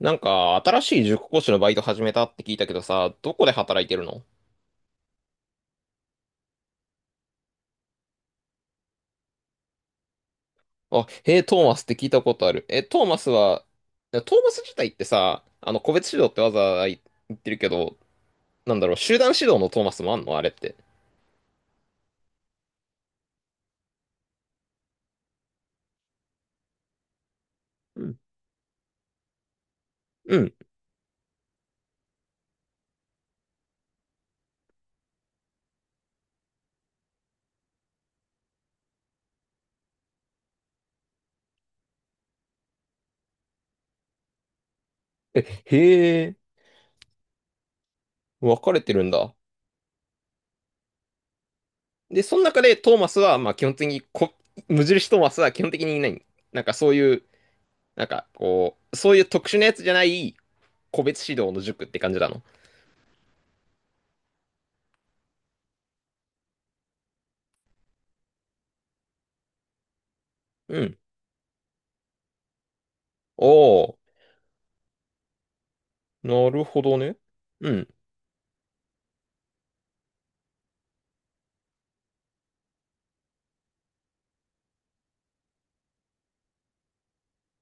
なんか、新しい塾講師のバイト始めたって聞いたけどさ、どこで働いてるの？あ、へえ、トーマスって聞いたことある。え、トーマスは、トーマス自体ってさ、個別指導ってわざわざ言ってるけど、なんだろう、集団指導のトーマスもあんのあれって。うん。うん。へえ、分かれてるんだ。で、その中でトーマスは、まあ基本的に無印トーマスは基本的にいない。なんかそういう、なんかこう、そういう特殊なやつじゃない個別指導の塾って感じなの？うん。おー。なるほどね。うん。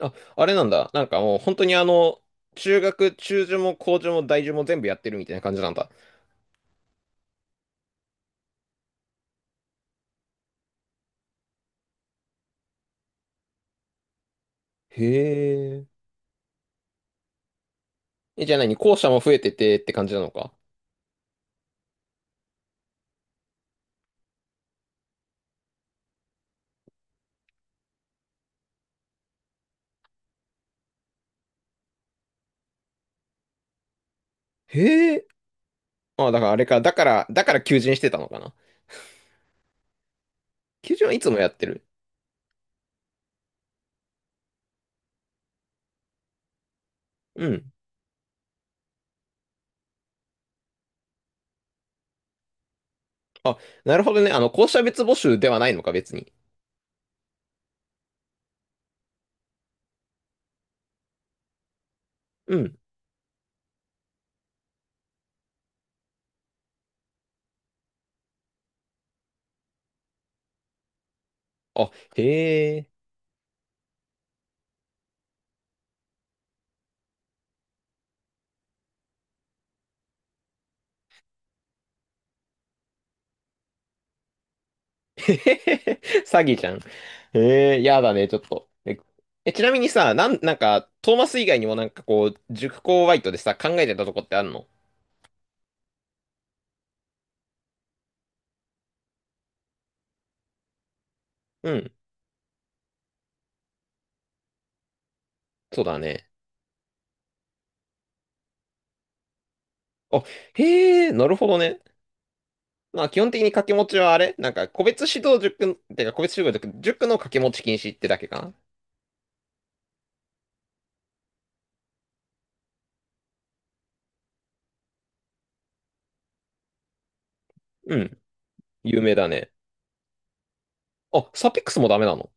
あ、あれなんだ。なんかもう本当に中受も高受も大受も全部やってるみたいな感じなんだ。へえ。え、じゃあ何校舎も増えててって感じなのか。へえ。あ、だからあれか。だから求人してたのかな。求人はいつもやってる。うん。あ、なるほどね。校舎別募集ではないのか、別に。うん。あ、へえ。へへへ詐欺じゃん。ええー、やだね、ちょっと。えちなみにさ、なんか、トーマス以外にもなんかこう、塾講バイトでさ、考えてたとこってあるの？うん、そうだね。あ、へえ、なるほどね。まあ、基本的に掛け持ちはあれなんか、個別指導塾、塾の掛け持ち禁止ってだけかな？うん、有名だね。あ、サピックスもダメなの？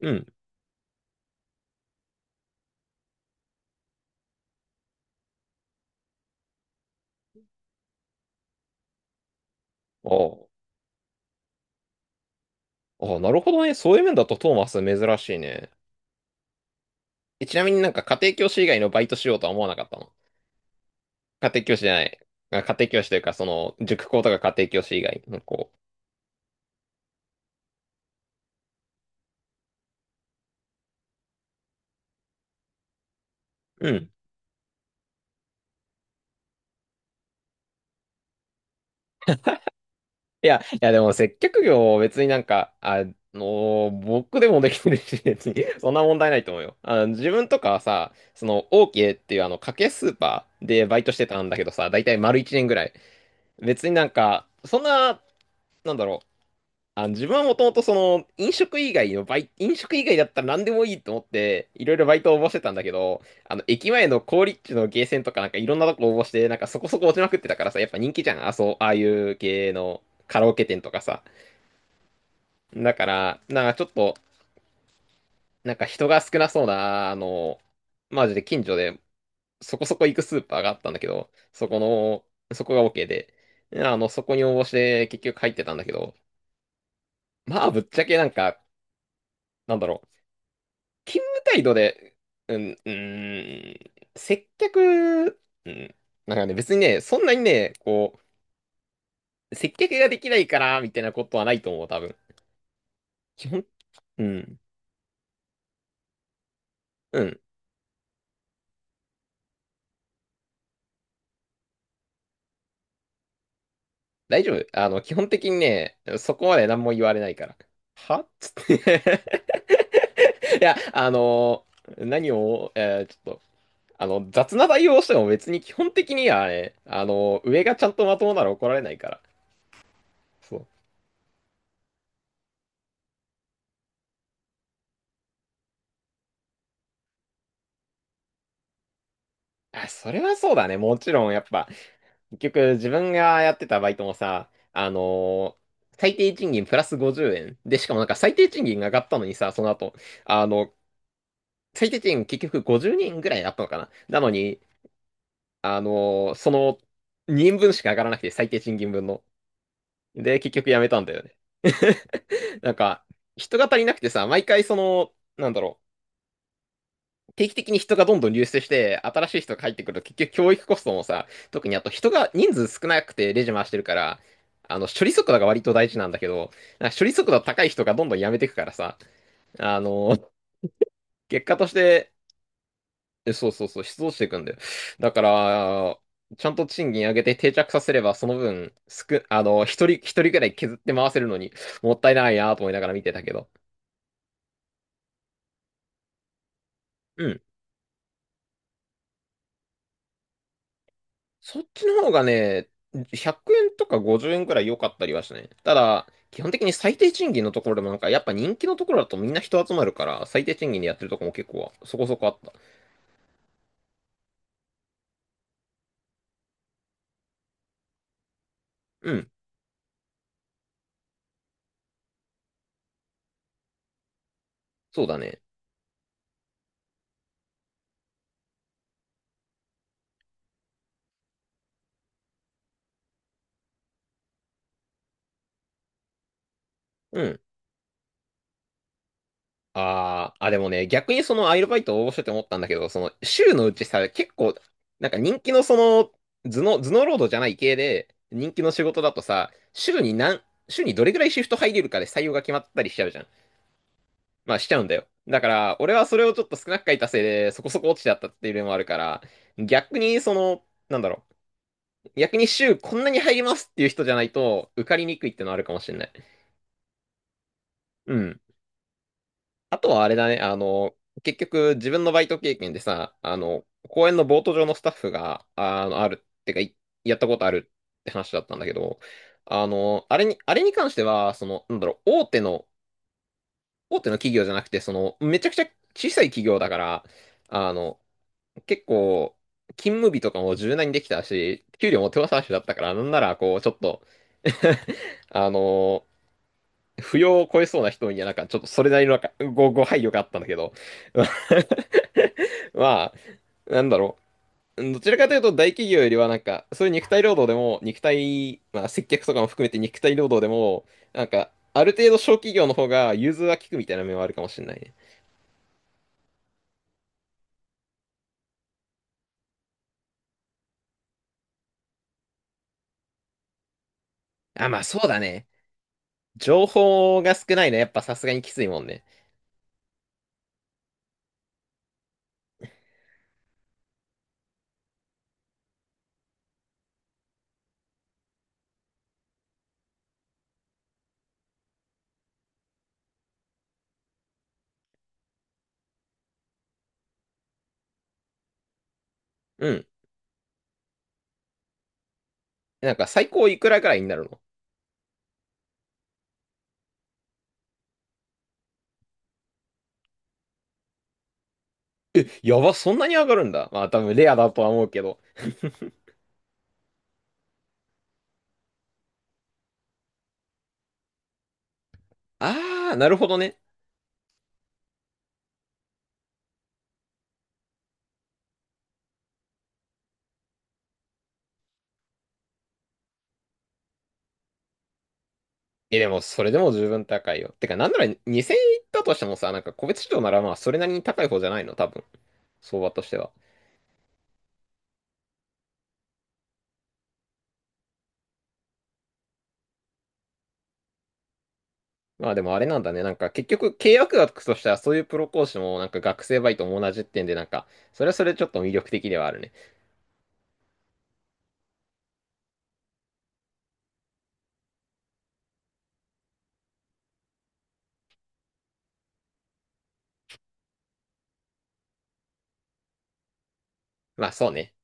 うん。ああ、ああ、なるほどね。そういう面だとトーマス珍しいね。え、ちなみになんか家庭教師以外のバイトしようとは思わなかったの？家庭教師じゃない。あ、家庭教師というか、塾講とか家庭教師以外の子。うん。いやでも接客業別になんか、僕でもできてるし、別に、そんな問題ないと思うよ。自分とかはさ、オーケーっていう家計スーパーでバイトしてたんだけどさ、だいたい丸1年ぐらい。別になんか、そんな、なんだろう、あ、自分はもともとその飲食以外の飲食以外だったら何でもいいと思っていろいろバイトを応募してたんだけど、あの駅前の好立地のゲーセンとかなんかいろんなとこ応募してなんかそこそこ落ちまくってたからさ、やっぱ人気じゃん。あ、そう、ああいう系のカラオケ店とかさ。だから、なんかちょっと、なんか人が少なそうな、マジで近所でそこそこ行くスーパーがあったんだけど、そこが OK で、そこに応募して結局入ってたんだけど、まあぶっちゃけなんか、なんだろう。勤務態度で、うん、うーん、接客、うん、なんかね、別にね、そんなにね、こう、接客ができないから、みたいなことはないと思う、多分。基本、うん、うん、大丈夫。基本的にね、そこまで何も言われないから。はっつって いや、何を、ちょっと、雑な対応をしても別に基本的にはね、あの上がちゃんとまともなら怒られないから。そう。あ、それはそうだね。もちろん、やっぱ、結局、自分がやってたバイトもさ、最低賃金プラス50円。で、しかもなんか最低賃金が上がったのにさ、その後、あの、最低賃金結局50人ぐらいあったのかな。なのに、あのーその2人分しか上がらなくて、最低賃金分の。で、結局やめたんだよね。なんか、人が足りなくてさ、毎回なんだろう。定期的に人がどんどん流出して、新しい人が入ってくると結局教育コストもさ、特にあと人数少なくてレジ回してるから、処理速度が割と大事なんだけど、なんか処理速度高い人がどんどん辞めてくからさ、あの、結果として、えそうそうそう、失踪していくんだよ。だから、ちゃんと賃金上げて定着させれば、その分、すく、あの、一人くらい削って回せるのに、もったいないなと思いながら見てたけど。うん。そっちの方がね、100円とか50円くらい良かったりはしたね。ただ、基本的に最低賃金のところでもなんか、やっぱ人気のところだとみんな人集まるから、最低賃金でやってるとこも結構そこそこあった。うん、そうだね。うん。あー、あ、でもね、逆にそのアイルバイト応募してて思ったんだけど、その週のうちさ、結構、なんか人気のその、頭脳労働じゃない系で、人気の仕事だとさ、週にどれぐらいシフト入れるかで採用が決まったりしちゃうじゃん。まあしちゃうんだよ。だから、俺はそれをちょっと少なく書いたせいで、そこそこ落ちちゃったっていうのもあるから、逆になんだろう、逆に週こんなに入りますっていう人じゃないと、受かりにくいってのあるかもしれない。うん。あとはあれだね、結局自分のバイト経験でさ、公園のボート場のスタッフが、あるってか、やったことあるって話だったんだけど、あれに関しては、なんだろう、大手の企業じゃなくて、めちゃくちゃ小さい企業だから、あの、結構、勤務日とかも柔軟にできたし、給料も手渡しだったから、なんなら、こう、ちょっと あの扶養を超えそうな人には、なんか、ちょっとそれなりのなんかご配慮があったんだけど。まあ、なんだろう。どちらかというと大企業よりはなんか、そういう肉体労働でも、まあ接客とかも含めて肉体労働でも、なんか、ある程度小企業の方が融通は利くみたいな面はあるかもしれないね。あ、まあそうだね。情報が少ないね。やっぱさすがにきついもんね。うん。なんか最高いくらぐらいになるの？え、やば、そんなに上がるんだ。まあ多分レアだとは思うけど。あー、なるほどね。え、でもそれでも十分高いよ。てか、なんなら2000円いったとしてもさ、なんか個別指導ならまあそれなりに高い方じゃないの？多分。相場としては。まあでもあれなんだね。なんか結局契約額としてはそういうプロ講師もなんか学生バイトも同じってんで、なんか、それはそれちょっと魅力的ではあるね。まあそうね。